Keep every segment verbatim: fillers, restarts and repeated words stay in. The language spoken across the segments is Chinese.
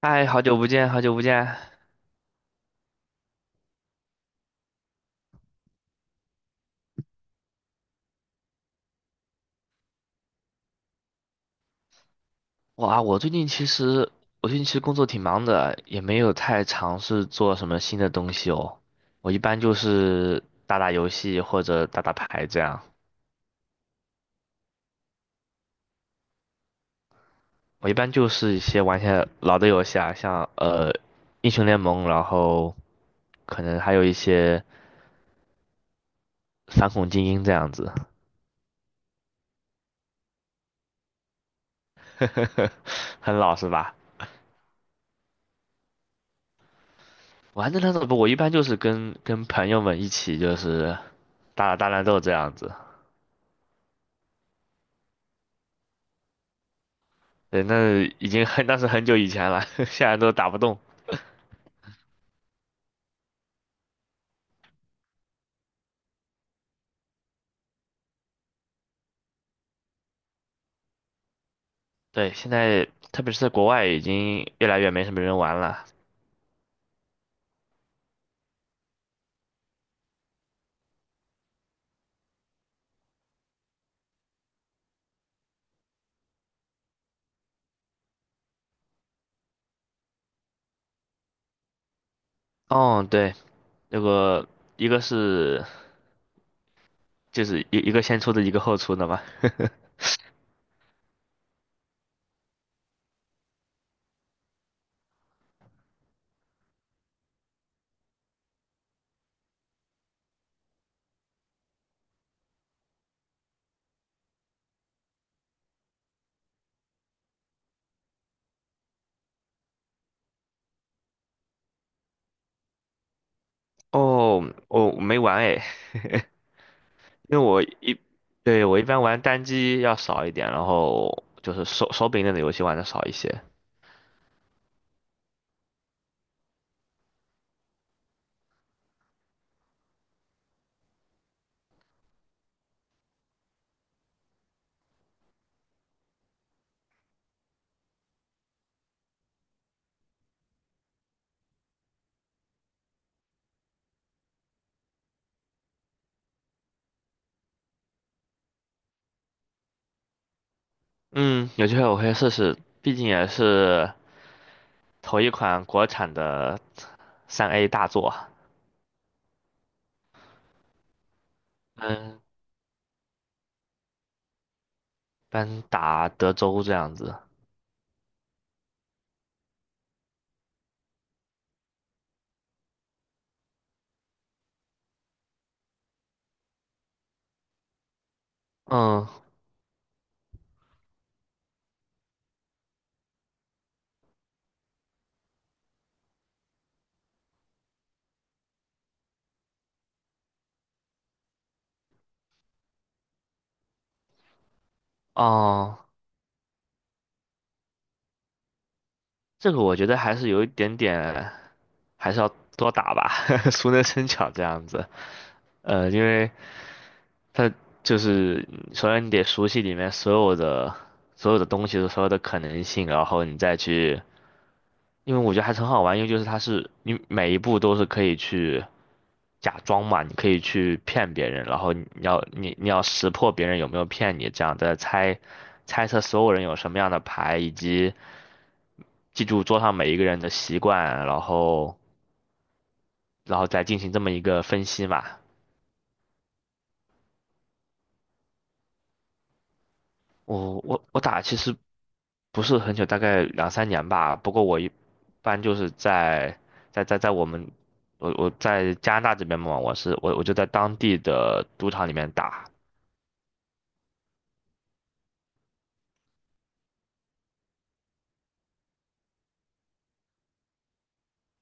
嗨，好久不见，好久不见。哇，我最近其实，我最近其实工作挺忙的，也没有太尝试做什么新的东西哦。我一般就是打打游戏或者打打牌这样。我一般就是一些玩一些老的游戏啊，像呃英雄联盟，然后可能还有一些反恐精英这样子，很老是吧？玩的那种不，我一般就是跟跟朋友们一起就是打打大乱斗这样子。对，那已经很，那是很久以前了，现在都打不动。对，现在特别是在国外，已经越来越没什么人玩了。哦，对，那个一个是就是一一个先出的，一个后出的嘛。哦，我没玩诶，因为我一，对，我一般玩单机要少一点，然后就是手手柄类的游戏玩的少一些。嗯，有机会我会试试，毕竟也是头一款国产的三 A 大作啊。嗯。般打德州这样子。嗯，哦，这个我觉得还是有一点点，还是要多打吧，熟能生巧这样子。呃，因为它就是首先你得熟悉里面所有的所有的东西，的所有的可能性，然后你再去，因为我觉得还是很好玩，因为就是它是你每一步都是可以去假装嘛，你可以去骗别人，然后你要你你要识破别人有没有骗你，这样再猜猜测所有人有什么样的牌以及。记住桌上每一个人的习惯，然后然后再进行这么一个分析嘛。我我我打其实不是很久，大概两三年吧。不过我一般就是在在在在我们我我在加拿大这边嘛，我是我我就在当地的赌场里面打。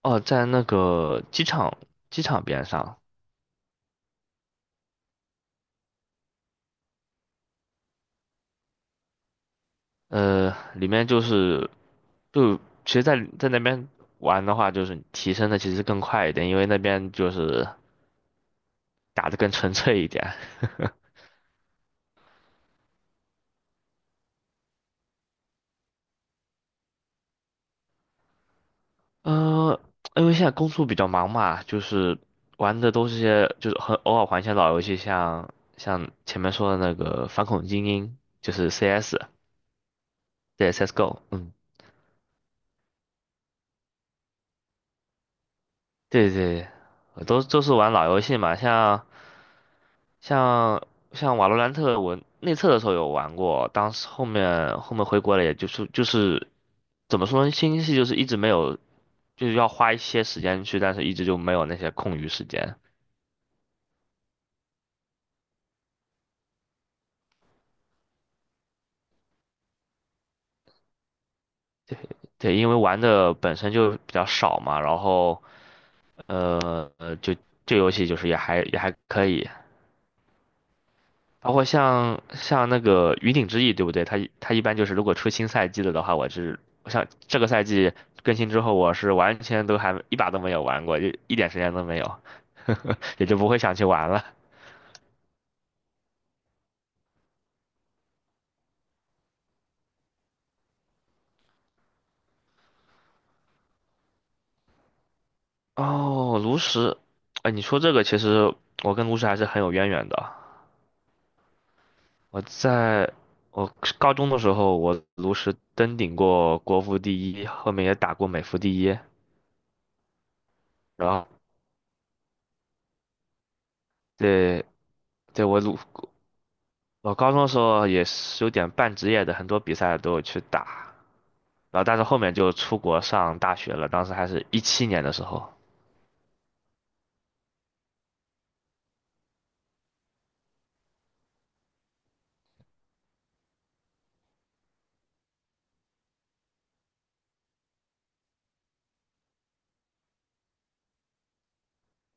哦，在那个机场机场边上，呃，里面就是就其实在，在那边玩的话，就是提升的其实更快一点，因为那边就是打的更纯粹一点。呃，因为现在工作比较忙嘛，就是玩的都是些就是很偶尔玩一些老游戏像，像前面说的那个《反恐精英》，就是 C S,对 C S:G O,嗯，对对对，都都是玩老游戏嘛，像像像《瓦罗兰特》，我内测的时候有玩过，当时后面后面回国了，也就是就是怎么说呢，新游戏就是一直没有，就是要花一些时间去，但是一直就没有那些空余时间。对，因为玩的本身就比较少嘛，然后呃，呃，就这游戏就是也还也还可以，包括像像那个云顶之弈，对不对？它一它一般就是如果出新赛季了的话，我是像这个赛季更新之后，我是完全都还一把都没有玩过，就一点时间都没有，也就不会想去玩了。哦，炉石，哎，你说这个其实我跟炉石还是很有渊源的。我在我高中的时候，我炉石登顶过国服第一，后面也打过美服第一，然后对。对，我炉我高中的时候也是有点半职业的，很多比赛都有去打，然后但是后面就出国上大学了，当时还是一七年的时候，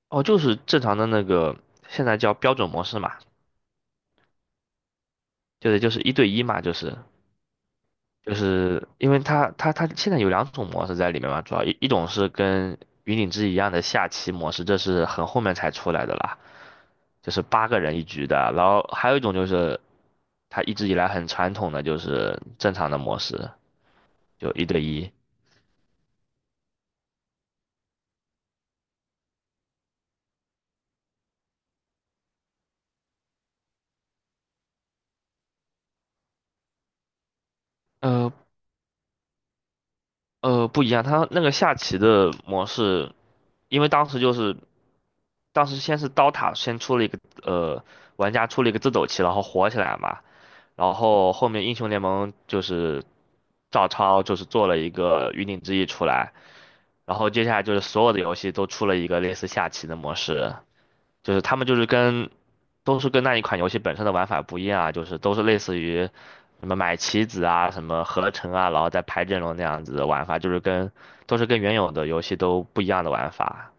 哦，就是正常的那个，现在叫标准模式嘛，就是就是一对一嘛，就是就是因为它它它现在有两种模式在里面嘛，主要一一种是跟云顶之一样的下棋模式，这是很后面才出来的啦，就是八个人一局的，然后还有一种就是它一直以来很传统的就是正常的模式，就一对一。呃，呃，不一样，它那个下棋的模式，因为当时就是当时先是刀塔先出了一个呃玩家出了一个自走棋，然后火起来嘛，然后后面英雄联盟就是照抄就是做了一个云顶之弈出来，然后接下来就是所有的游戏都出了一个类似下棋的模式，就是他们就是跟都是跟那一款游戏本身的玩法不一样啊，就是都是类似于什么买棋子啊、什么合成啊，然后再排阵容那样子的玩法，就是跟都是跟原有的游戏都不一样的玩法。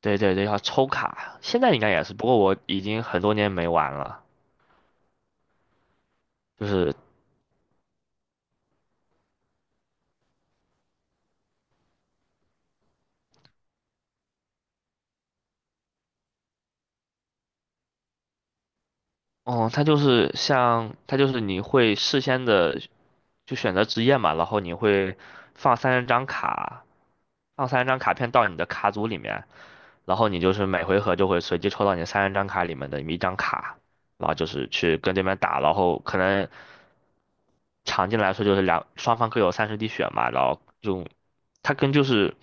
对对对，要抽卡，现在应该也是，不过我已经很多年没玩了。就是，哦，它就是像它就是你会事先的就选择职业嘛，然后你会放三十张卡，放三十张卡片到你的卡组里面，然后你就是每回合就会随机抽到你三十张卡里面的一张卡，然后就是去跟对面打，然后可能常见来说就是两双方各有三十滴血嘛，然后就它跟就是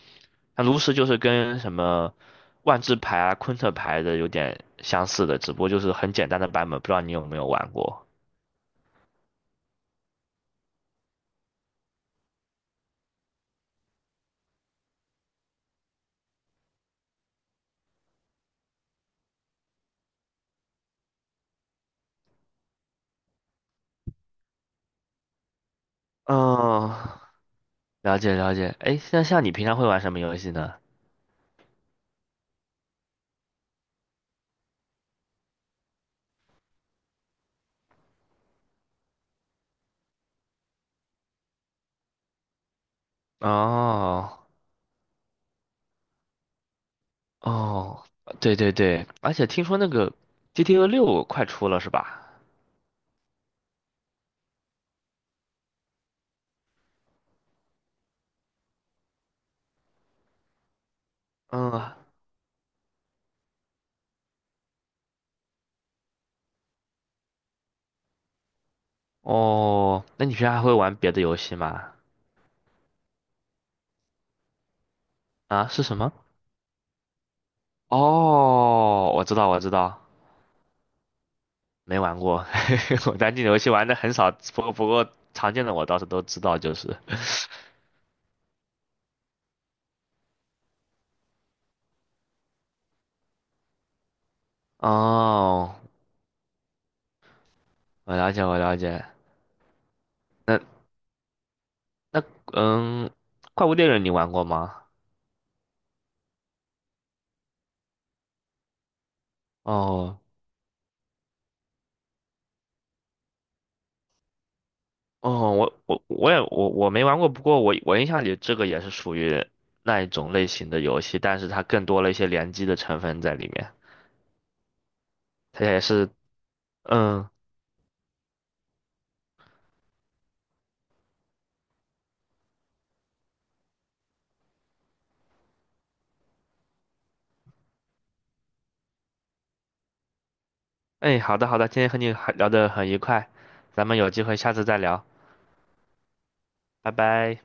它炉石就是跟什么万智牌啊、昆特牌的有点相似的，只不过就是很简单的版本，不知道你有没有玩过？嗯，了解了解。哎，那像你平常会玩什么游戏呢？哦哦，对对对，而且听说那个 G T A 六快出了是吧？嗯，哦，那你平常还会玩别的游戏吗？啊，是什么？哦，我知道，我知道，没玩过。我单机游戏玩的很少，不过不过常见的我倒是都知道，就是。哦，我了解，我了解。那那嗯，怪物猎人你玩过吗？哦哦，我我我也我我没玩过，不过我我印象里这个也是属于那一种类型的游戏，但是它更多了一些联机的成分在里面。它也是，嗯，哎，好的好的，今天和你很聊得很愉快，咱们有机会下次再聊，拜拜。